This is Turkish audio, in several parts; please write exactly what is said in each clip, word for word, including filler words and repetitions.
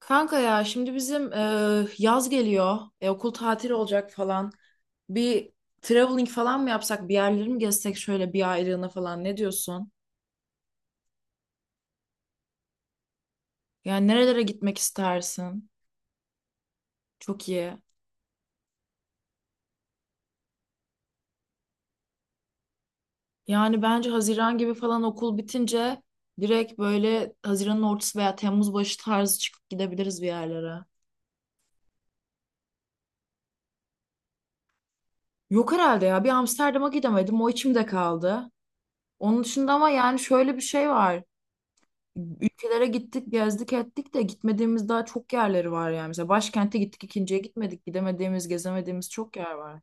Kanka ya şimdi bizim e, yaz geliyor. E, okul tatili olacak falan. Bir traveling falan mı yapsak? Bir yerleri mi gezsek şöyle bir aylığına falan ne diyorsun? Yani nerelere gitmek istersin? Çok iyi. Yani bence Haziran gibi falan okul bitince direkt böyle Haziran'ın ortası veya Temmuz başı tarzı çıkıp gidebiliriz bir yerlere. Yok herhalde ya. Bir Amsterdam'a gidemedim. O içimde kaldı. Onun dışında ama yani şöyle bir şey var. Ülkelere gittik, gezdik, ettik de gitmediğimiz daha çok yerleri var yani. Mesela başkente gittik, ikinciye gitmedik. Gidemediğimiz, gezemediğimiz çok yer var.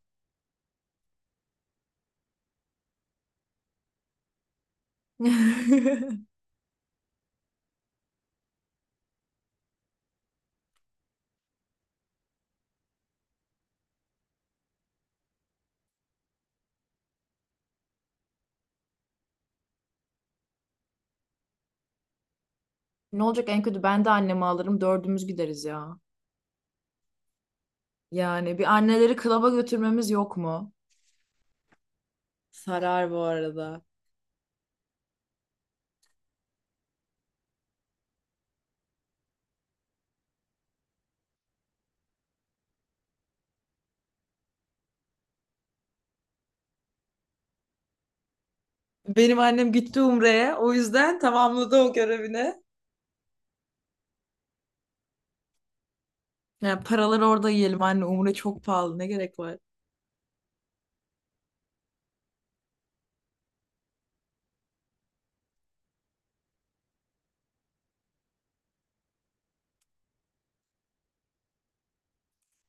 Ne olacak en kötü ben de annemi alırım, dördümüz gideriz ya. Yani bir anneleri klaba götürmemiz yok mu? Sarar bu arada. Benim annem gitti Umre'ye. O yüzden tamamladı o görevini. Yani paraları orada yiyelim anne, Umre çok pahalı, ne gerek var?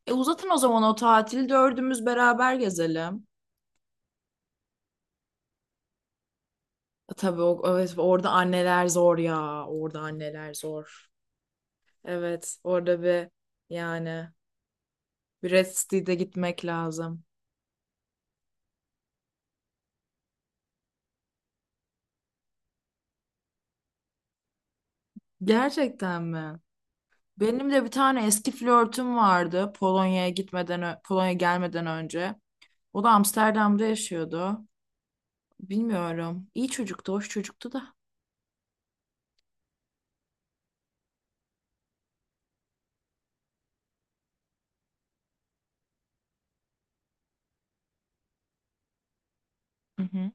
E uzatın o zaman o tatili, dördümüz beraber gezelim. E, tabii o, evet, orada anneler zor ya. Orada anneler zor. Evet, orada bir yani bir Red City'de gitmek lazım. Gerçekten mi? Benim de bir tane eski flörtüm vardı Polonya'ya gitmeden, ö- Polonya'ya gelmeden önce. O da Amsterdam'da yaşıyordu. Bilmiyorum. İyi çocuktu, hoş çocuktu da. Hı hı.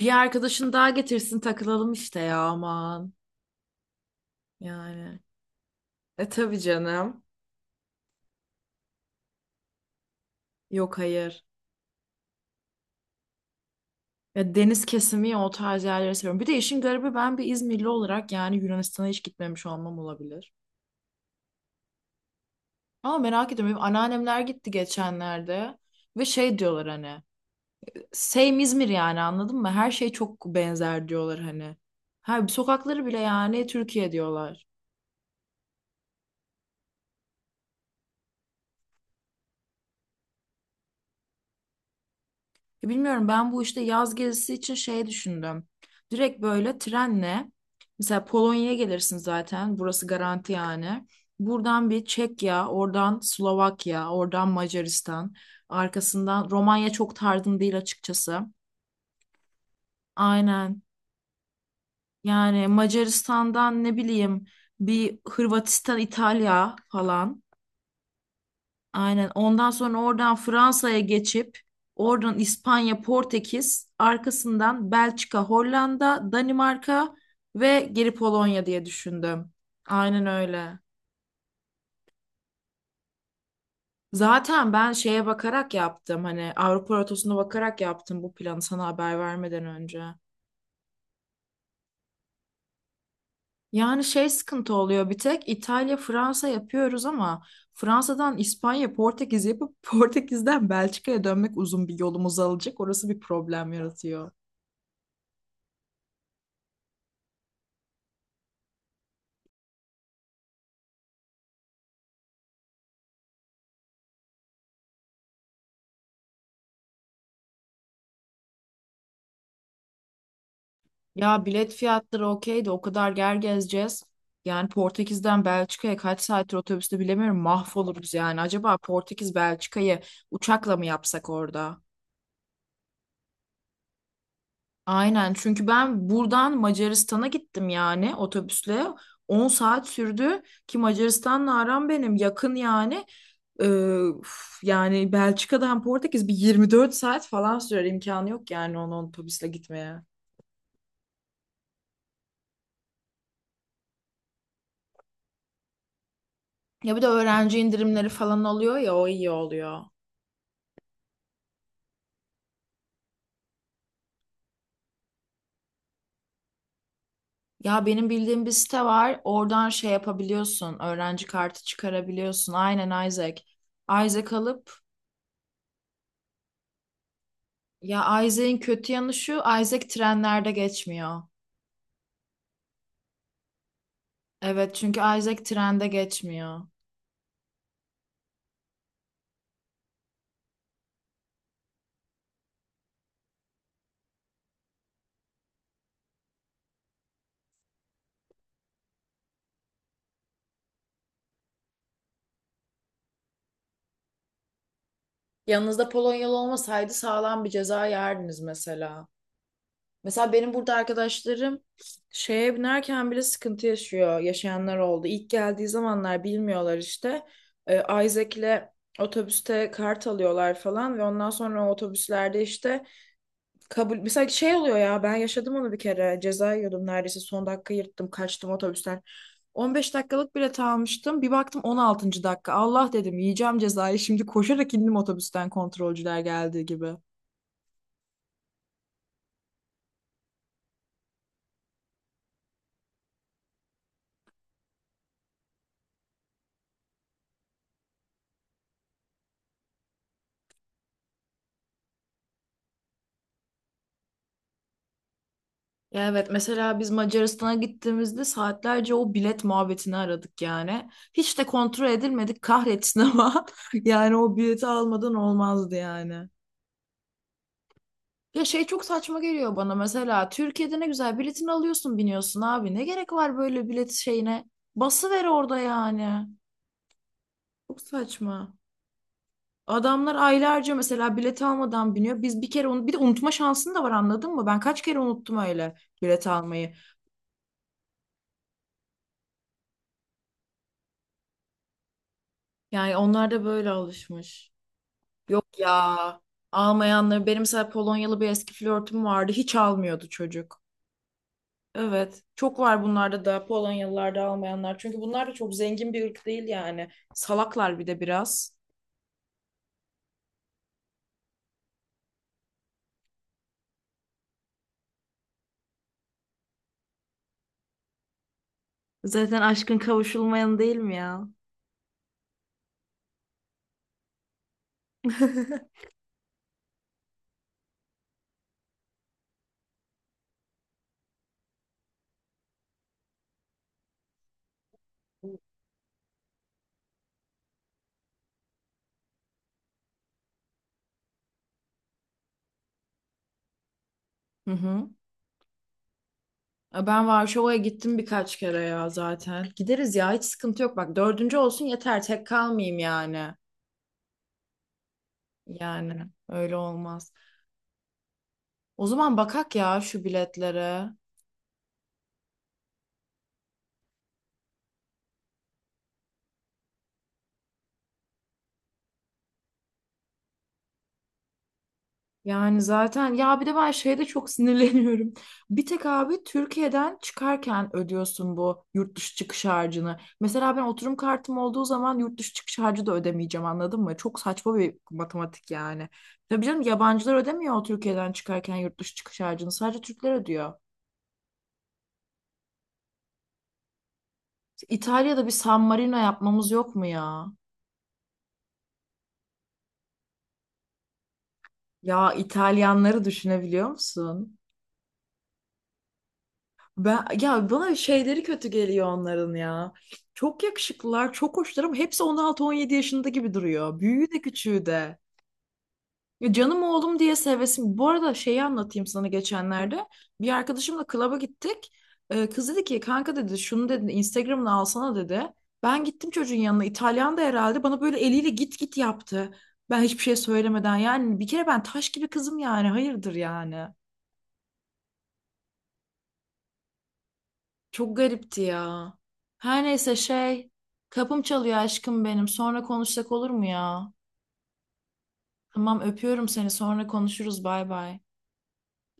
Bir arkadaşın daha getirsin takılalım işte ya aman. Yani. E tabii canım. Yok hayır. Ya deniz kesimi ya o tarz yerleri seviyorum. Bir de işin garibi ben bir İzmirli olarak yani Yunanistan'a hiç gitmemiş olmam olabilir. Ama merak ediyorum. Benim anneannemler gitti geçenlerde ve şey diyorlar hani same İzmir yani anladın mı? Her şey çok benzer diyorlar hani. Her sokakları bile yani Türkiye diyorlar. Ya bilmiyorum ben bu işte yaz gezisi için şey düşündüm. Direkt böyle trenle mesela Polonya'ya gelirsin zaten. Burası garanti yani. Buradan bir Çekya, oradan Slovakya, oradan Macaristan, arkasından Romanya çok tarzım değil açıkçası. Aynen. Yani Macaristan'dan ne bileyim bir Hırvatistan, İtalya falan. Aynen. Ondan sonra oradan Fransa'ya geçip oradan İspanya, Portekiz, arkasından Belçika, Hollanda, Danimarka ve geri Polonya diye düşündüm. Aynen öyle. Zaten ben şeye bakarak yaptım hani Avrupa rotasına bakarak yaptım bu planı sana haber vermeden önce. Yani şey sıkıntı oluyor bir tek İtalya, Fransa yapıyoruz ama Fransa'dan İspanya, Portekiz yapıp Portekiz'den Belçika'ya dönmek uzun bir yolumuz alacak. Orası bir problem yaratıyor. Ya bilet fiyatları okey de o kadar yer gezeceğiz. Yani Portekiz'den Belçika'ya kaç saattir otobüste bilemiyorum mahvoluruz yani. Acaba Portekiz Belçika'yı uçakla mı yapsak orada? Aynen çünkü ben buradan Macaristan'a gittim yani otobüsle. on saat sürdü ki Macaristan'la aram benim yakın yani. Ee, üf, yani Belçika'dan Portekiz bir yirmi dört saat falan sürer imkanı yok yani onu otobüsle gitmeye. Ya bir de öğrenci indirimleri falan oluyor ya o iyi oluyor. Ya benim bildiğim bir site var. Oradan şey yapabiliyorsun. Öğrenci kartı çıkarabiliyorsun. Aynen Isaac. Isaac alıp ya Isaac'in kötü yanı şu. Isaac trenlerde geçmiyor. Evet çünkü Isaac trende geçmiyor. Yanınızda Polonyalı olmasaydı sağlam bir ceza yerdiniz mesela. Mesela benim burada arkadaşlarım şeye binerken bile sıkıntı yaşıyor. Yaşayanlar oldu. İlk geldiği zamanlar bilmiyorlar işte. Ee, Isaac'le otobüste kart alıyorlar falan ve ondan sonra o otobüslerde işte kabul mesela şey oluyor ya ben yaşadım onu bir kere ceza yiyordum neredeyse son dakika yırttım kaçtım otobüsten on beş dakikalık bilet almıştım bir baktım on altıncı dakika Allah dedim yiyeceğim cezayı şimdi koşarak indim otobüsten kontrolcüler geldiği gibi. Ya evet mesela biz Macaristan'a gittiğimizde saatlerce o bilet muhabbetini aradık yani. Hiç de kontrol edilmedik kahretsin ama yani o bileti almadan olmazdı yani. Ya şey çok saçma geliyor bana mesela Türkiye'de ne güzel biletini alıyorsun biniyorsun abi ne gerek var böyle bilet şeyine basıver orada yani. Çok saçma. Adamlar aylarca mesela bilet almadan biniyor. Biz bir kere onu bir de unutma şansın da var anladın mı? Ben kaç kere unuttum öyle bilet almayı. Yani onlar da böyle alışmış. Yok ya. Almayanları benim mesela Polonyalı bir eski flörtüm vardı. Hiç almıyordu çocuk. Evet. Çok var bunlarda da Polonyalılarda almayanlar. Çünkü bunlar da çok zengin bir ırk değil yani. Salaklar bir de biraz. Zaten aşkın kavuşulmayan değil mi ya? Hı hı. E, Ben Varşova'ya gittim birkaç kere ya zaten. Gideriz ya hiç sıkıntı yok. Bak dördüncü olsun yeter tek kalmayayım yani. Yani öyle olmaz. O zaman bakak ya şu biletlere. Yani zaten ya bir de ben şeye de çok sinirleniyorum. Bir tek abi Türkiye'den çıkarken ödüyorsun bu yurt dışı çıkış harcını. Mesela ben oturum kartım olduğu zaman yurt dışı çıkış harcı da ödemeyeceğim anladın mı? Çok saçma bir matematik yani. Tabii canım yabancılar ödemiyor o Türkiye'den çıkarken yurt dışı çıkış harcını. Sadece Türkler ödüyor. İtalya'da bir San Marino yapmamız yok mu ya? Ya İtalyanları düşünebiliyor musun? Ben ya bana şeyleri kötü geliyor onların ya. Çok yakışıklılar, çok hoşlar ama hepsi on altı on yedi yaşında gibi duruyor. Büyüğü de küçüğü de. Ya canım oğlum diye sevesin. Bu arada şeyi anlatayım sana geçenlerde. Bir arkadaşımla klaba gittik. Ee, kız dedi ki kanka dedi şunu dedi Instagram'ını alsana dedi. Ben gittim çocuğun yanına. İtalyan da herhalde bana böyle eliyle git git yaptı. Ben hiçbir şey söylemeden yani bir kere ben taş gibi kızım yani hayırdır yani. Çok garipti ya. Her neyse şey, kapım çalıyor aşkım benim. Sonra konuşsak olur mu ya? Tamam öpüyorum seni. Sonra konuşuruz. Bay bay.